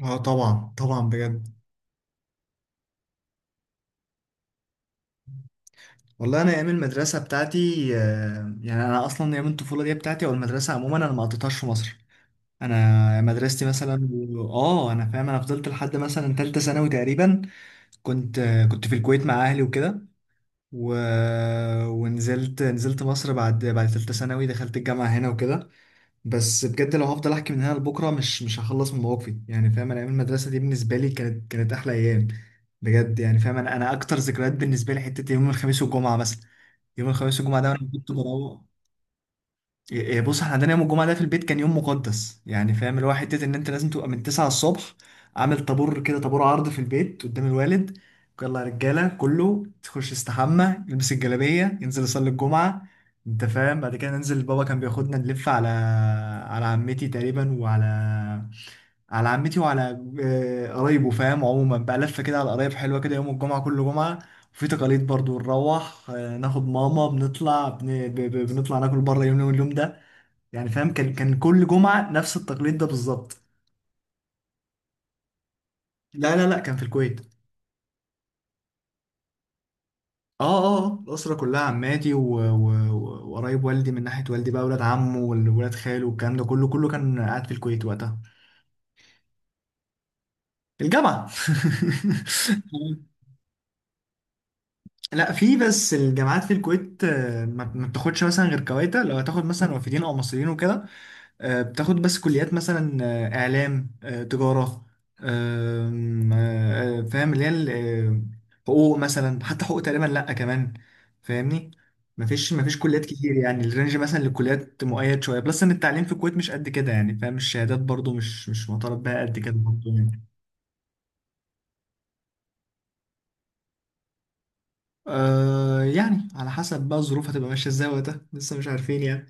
اه، طبعا طبعا بجد. والله انا ايام المدرسه بتاعتي، يعني انا اصلا ايام الطفوله دي بتاعتي او المدرسه عموما انا ما قضيتهاش في مصر. انا مدرستي مثلا، اه، انا فاهم. انا فضلت لحد مثلا تالتة ثانوي تقريبا. كنت في الكويت مع اهلي وكده. و... ونزلت مصر بعد تالتة ثانوي، دخلت الجامعه هنا وكده. بس بجد لو هفضل احكي من هنا لبكره مش هخلص من مواقفي، يعني فاهم، انا ايام المدرسه دي بالنسبه لي كانت احلى ايام. بجد، يعني فاهم، انا اكتر ذكريات بالنسبه لي حته يوم الخميس والجمعه مثلا. يوم الخميس والجمعه ده انا كنت بروح. إيه، بص، احنا عندنا يوم الجمعة ده في البيت كان يوم مقدس، يعني فاهم اللي هو حتة ان انت لازم تبقى من 9 الصبح عامل طابور كده، طابور عرض في البيت قدام الوالد. يلا يا رجالة، كله تخش يستحمى، يلبس الجلابية، ينزل يصلي الجمعة. انت فاهم، بعد كده ننزل بابا كان بياخدنا نلف على، على عمتي تقريبا، وعلى عمتي وعلى قرايبه. فاهم، عموما بقى لفة كده على قرايب حلوة كده يوم الجمعة، كل جمعة. وفي تقاليد برضو نروح، ناخد ماما، بنطلع بن... ب... ب... بنطلع ناكل بره اليوم ده. يعني فاهم كان كل جمعة نفس التقليد ده بالظبط. لا لا لا، كان في الكويت. اه اه، الأسرة كلها عماتي وقرايب والدي، من ناحية والدي بقى، ولاد عمه وولاد خاله والكلام ده كله، كان قاعد في الكويت وقتها. الجامعة. لا، في، بس الجامعات في الكويت ما بتاخدش مثلا غير كويتا، لو هتاخد مثلا وافدين او مصريين وكده، بتاخد بس كليات مثلا، إعلام، تجارة، آم، آه، آه، فاهم اللي هي، حقوق مثلا، حتى حقوق تقريبا لأ كمان. فاهمني، مفيش كليات كتير، يعني الرينج مثلا للكليات مؤيد شوية بلس، إن التعليم في الكويت مش قد كده، يعني فاهم الشهادات برضو مش معترف بها قد كده برضو يعني. آه، يعني على حسب بقى الظروف هتبقى ماشية ازاي وقتها، لسه مش عارفين يعني.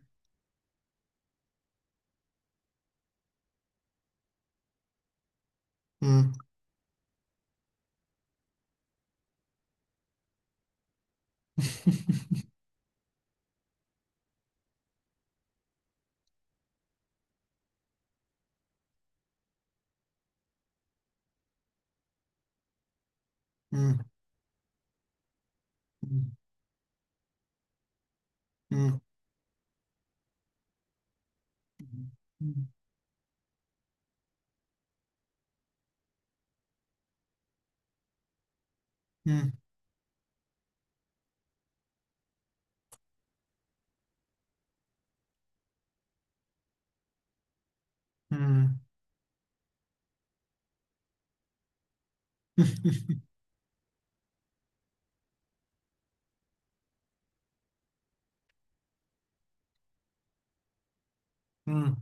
مم. مم. مم. مم. مم. مم. مم.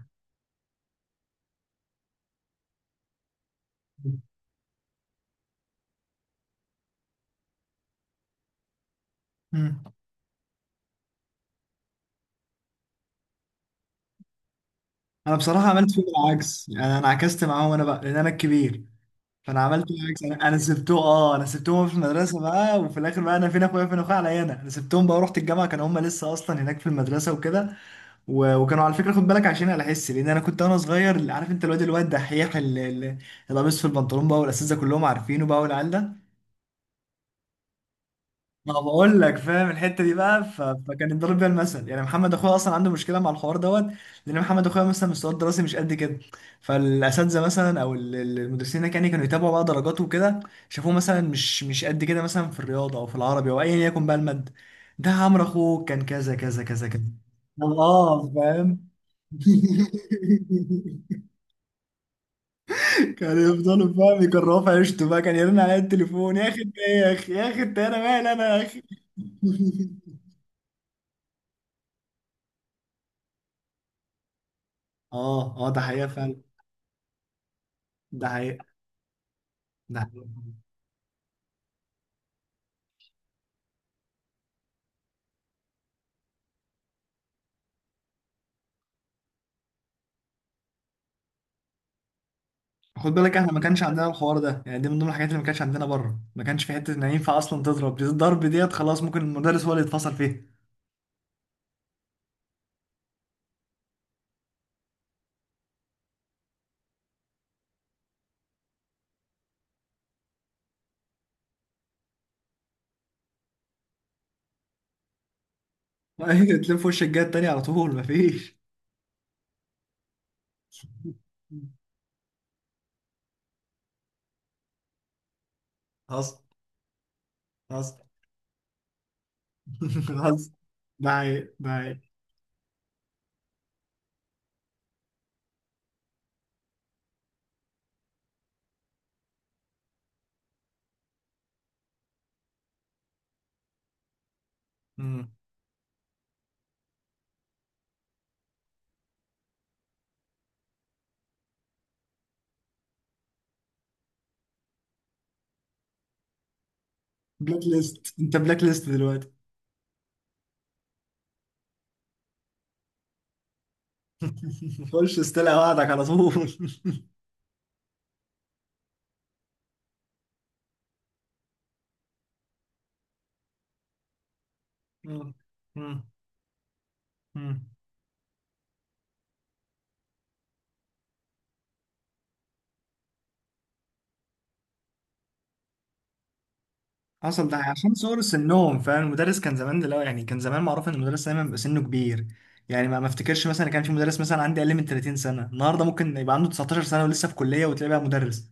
مم. انا بصراحه عملت فيهم العكس، يعني انا عكست معاهم، انا بقى لان انا الكبير، فانا عملت العكس، انا سبتهم في المدرسه بقى. وفي الاخر بقى انا فين اخويا، فين اخويا، عليا، انا سبتهم بقى ورحت الجامعه، كانوا هم لسه اصلا هناك في المدرسه وكده. وكانوا، على فكره خد بالك، عشان على حس، لان انا كنت وانا صغير عارف انت، الواد، الواد دحيح، اللي لابس في البنطلون بقى، والاساتذه كلهم عارفينه بقى، والعيال ده ما بقول لك. فاهم الحته دي بقى، فكان يضرب بيها المثل. يعني محمد اخويا اصلا عنده مشكله مع الحوار دوت، لان محمد اخويا مثلا مستواه الدراسي مش قد كده، فالاساتذه مثلا او المدرسين هناك يعني كانوا يتابعوا بقى درجاته وكده، شافوه مثلا مش قد كده مثلا في الرياضه او في العربي او ايا يكن بقى الماده، ده عمرو اخوه كان كذا كذا كذا كذا. الله، فاهم. كان يفضلوا، فاهم، يكرهوا في عيشته بقى، كان يرن عليا التليفون: يا اخي إنت إيه، يا اخي، يا اخي إنت، انا مالي انا يا اخي. اه اه، ده حقيقة فعلا. ده حقيقة. ده حقيقة. خد بالك، احنا ما كانش عندنا الحوار ده، يعني دي من ضمن الحاجات اللي ما كانش عندنا بره. ما كانش في حتة ان ينفع اصلا تضرب، دي الضرب ديت خلاص، ممكن المدرس هو اللي يتفصل فيها. تلف وش الجهة التانية على طول، ما فيش. حصل. حصل. حصل. ده حقيقة، ده حقيقة. مم. بلاك ليست، انت بلاك ليست دلوقتي. خش استلقى وعدك على طول. مم. مم. مم. حصل. ده عشان صغر سنهم، فاهم المدرس كان زمان، دلوقتي يعني، كان زمان معروف ان المدرس دايما بيبقى سنه كبير، يعني ما افتكرش مثلا كان في مدرس مثلا عندي اقل من 30 سنه، النهارده ممكن يبقى عنده 19 سنه ولسه في كليه وتلاقيه بقى مدرس.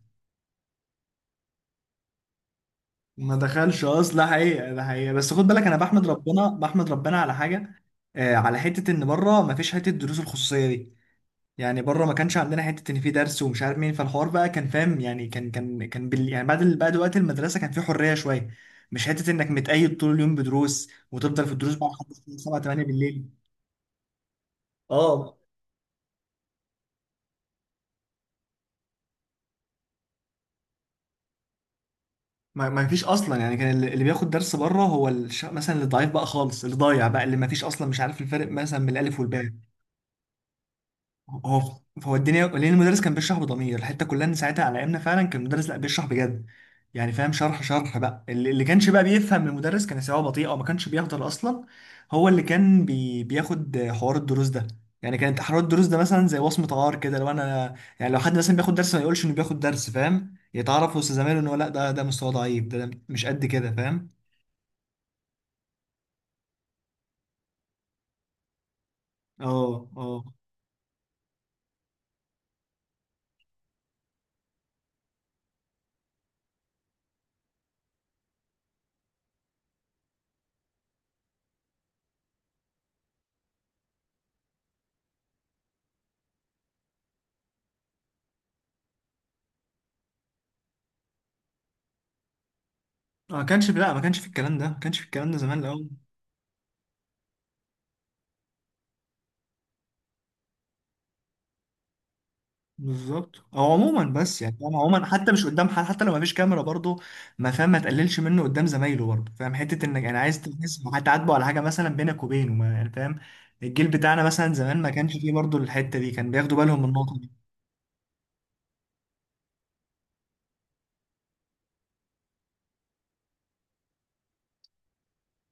ما دخلش اصلا، حقيقه، ده حقيقه. بس خد بالك، انا بحمد ربنا بحمد ربنا على حاجه. آه، على حته ان بره ما فيش حته الدروس الخصوصيه دي. يعني بره ما كانش عندنا حته ان في درس ومش عارف مين، فالحوار بقى كان فاهم، يعني كان بال، يعني بعد بعد وقت المدرسه كان في حريه شويه، مش حته انك متقيد طول اليوم بدروس وتفضل في الدروس بقى لحد الساعه 7 8 بالليل. اه، ما فيش اصلا يعني، كان اللي بياخد درس بره هو مثلا اللي ضعيف بقى خالص، اللي ضايع بقى، اللي ما فيش اصلا، مش عارف الفرق مثلا من الالف والباء. هو هو الدنيا، لان المدرس كان بيشرح بضمير، الحته كلها ان ساعتها على ايامنا فعلا كان المدرس لا، بيشرح بجد، يعني فاهم، شرح شرح بقى. اللي كانش بقى بيفهم من المدرس كان سواء بطيء او ما كانش بيحضر اصلا، هو اللي كان بياخد حوار الدروس ده. يعني كانت حوار الدروس ده مثلا زي وصمه عار كده، لو انا يعني، لو حد مثلا بياخد درس ما يقولش انه بياخد درس، فاهم، يتعرف وسط زمايله ان هو لا، ده، ده, مستواه ضعيف، ده مش قد كده، فاهم. اه اه، ما كانش، لا ما كانش في الكلام ده، ما كانش في الكلام ده زمان الاول. بالظبط، او عموما بس يعني، فاهم، عموما حتى مش قدام حد، حتى لو ما فيش كاميرا برضه، ما فاهم، ما تقللش منه قدام زمايله برضه، فاهم، حته انك، انا عايز تحس، هتعاتبه على حاجه مثلا بينك وبينه، ما يعني فاهم. الجيل بتاعنا مثلا زمان ما كانش فيه برضه الحته دي، كان بياخدوا بالهم من النقطه دي.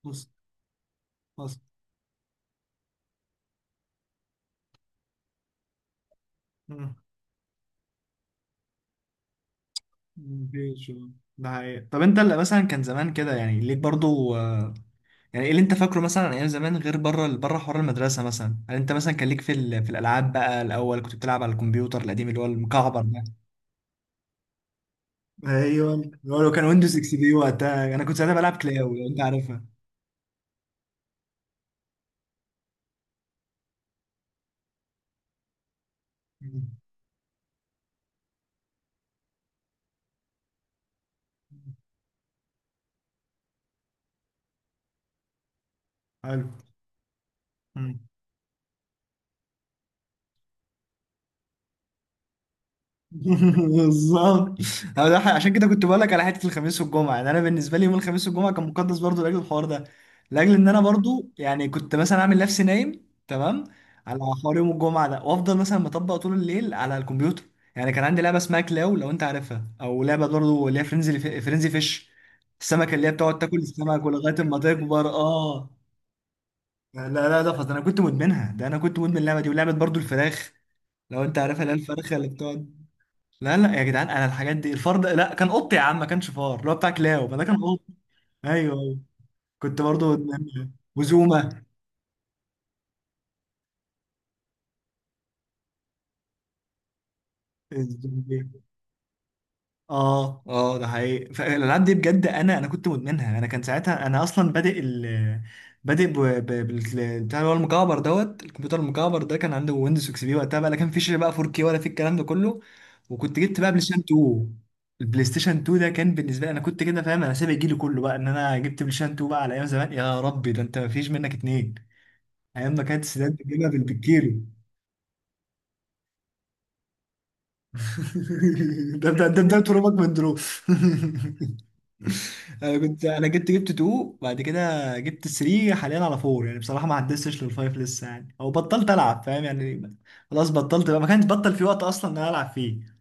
بص، بص. مم. مفيش والله. ده حقيقة. طب انت اللي مثلا كان زمان كده، يعني ليك برضو يعني ايه اللي انت فاكره مثلا عن ايام زمان غير بره، بره حوار المدرسة مثلا؟ هل انت مثلا كان ليك في في الالعاب بقى، الاول كنت بتلعب على الكمبيوتر القديم اللي هو المكعب ده؟ ايوه، هو لو كان ويندوز اكس بي وقتها، انا كنت ساعتها بلعب كلاو لو انت عارفها. مم. حلو. مم. بالظبط. أنا عشان كده كنت بقول لك على حته الخميس والجمعه، يعني انا بالنسبه لي يوم الخميس والجمعه كان مقدس برضو لاجل الحوار ده، لاجل ان انا برضو، يعني كنت مثلا اعمل نفسي نايم تمام على حوار يوم الجمعه ده، وافضل مثلا مطبق طول الليل على الكمبيوتر. يعني كان عندي لعبه اسمها كلاو لو انت عارفها، او لعبه برضو اللي هي فرينزي فيش، السمكه اللي هي بتقعد تاكل السمك ولغايه ما تكبر. اه، لا لا، ده فظيع، انا كنت مدمنها، ده انا كنت مدمن اللعبه دي. ولعبه برضو الفراخ لو انت عارفها، اللي هي الفرخه اللي بتقعد. لا لا يا جدعان، انا الحاجات دي، الفار ده لا، كان قط يا عم، ما كانش فار، اللي هو بتاع كلاو، ما ده كان قط. ايوه، ايوه، كنت برضو مدمنها. وزوما. اه اه، ده حقيقي، فالالعاب دي بجد انا كنت مدمنها. انا كان ساعتها انا اصلا بادئ بتاع اللي هو المكعب دوت، الكمبيوتر المكعب ده كان عنده ويندوز اكس بي وقتها بقى، لا كان فيش بقى 4K ولا في الكلام ده كله. وكنت جبت بقى بلاي ستيشن 2، البلاي ستيشن 2 ده كان بالنسبه لي، انا كنت كده فاهم، انا سابق جيلي كله بقى ان انا جبت بلاي ستيشن 2 بقى على ايام زمان. يا ربي، ده انت مفيش منك اتنين، ايام ما كانت السيدات بتجيبها بالكيلو. ده ده ده ده ترابك من دروب. انا كنت، انا جبت 2، بعد كده جبت 3، حاليا على 4 يعني، بصراحه ما عدستش لل 5 لسه يعني، او بطلت العب، فاهم يعني، خلاص بطلت بقى، ما كانش بطل في وقت اصلا ان انا العب فيه،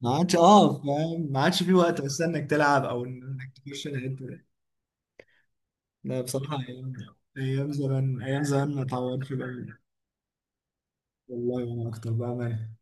ما عادش، اه فاهم، ما عادش في وقت اصلا انك تلعب او انك تخش الحته دي. لا بصراحه، ايام، ايام زمان، ايام زمان ما اتعوضش بقى. والله، وانا اكتر بقى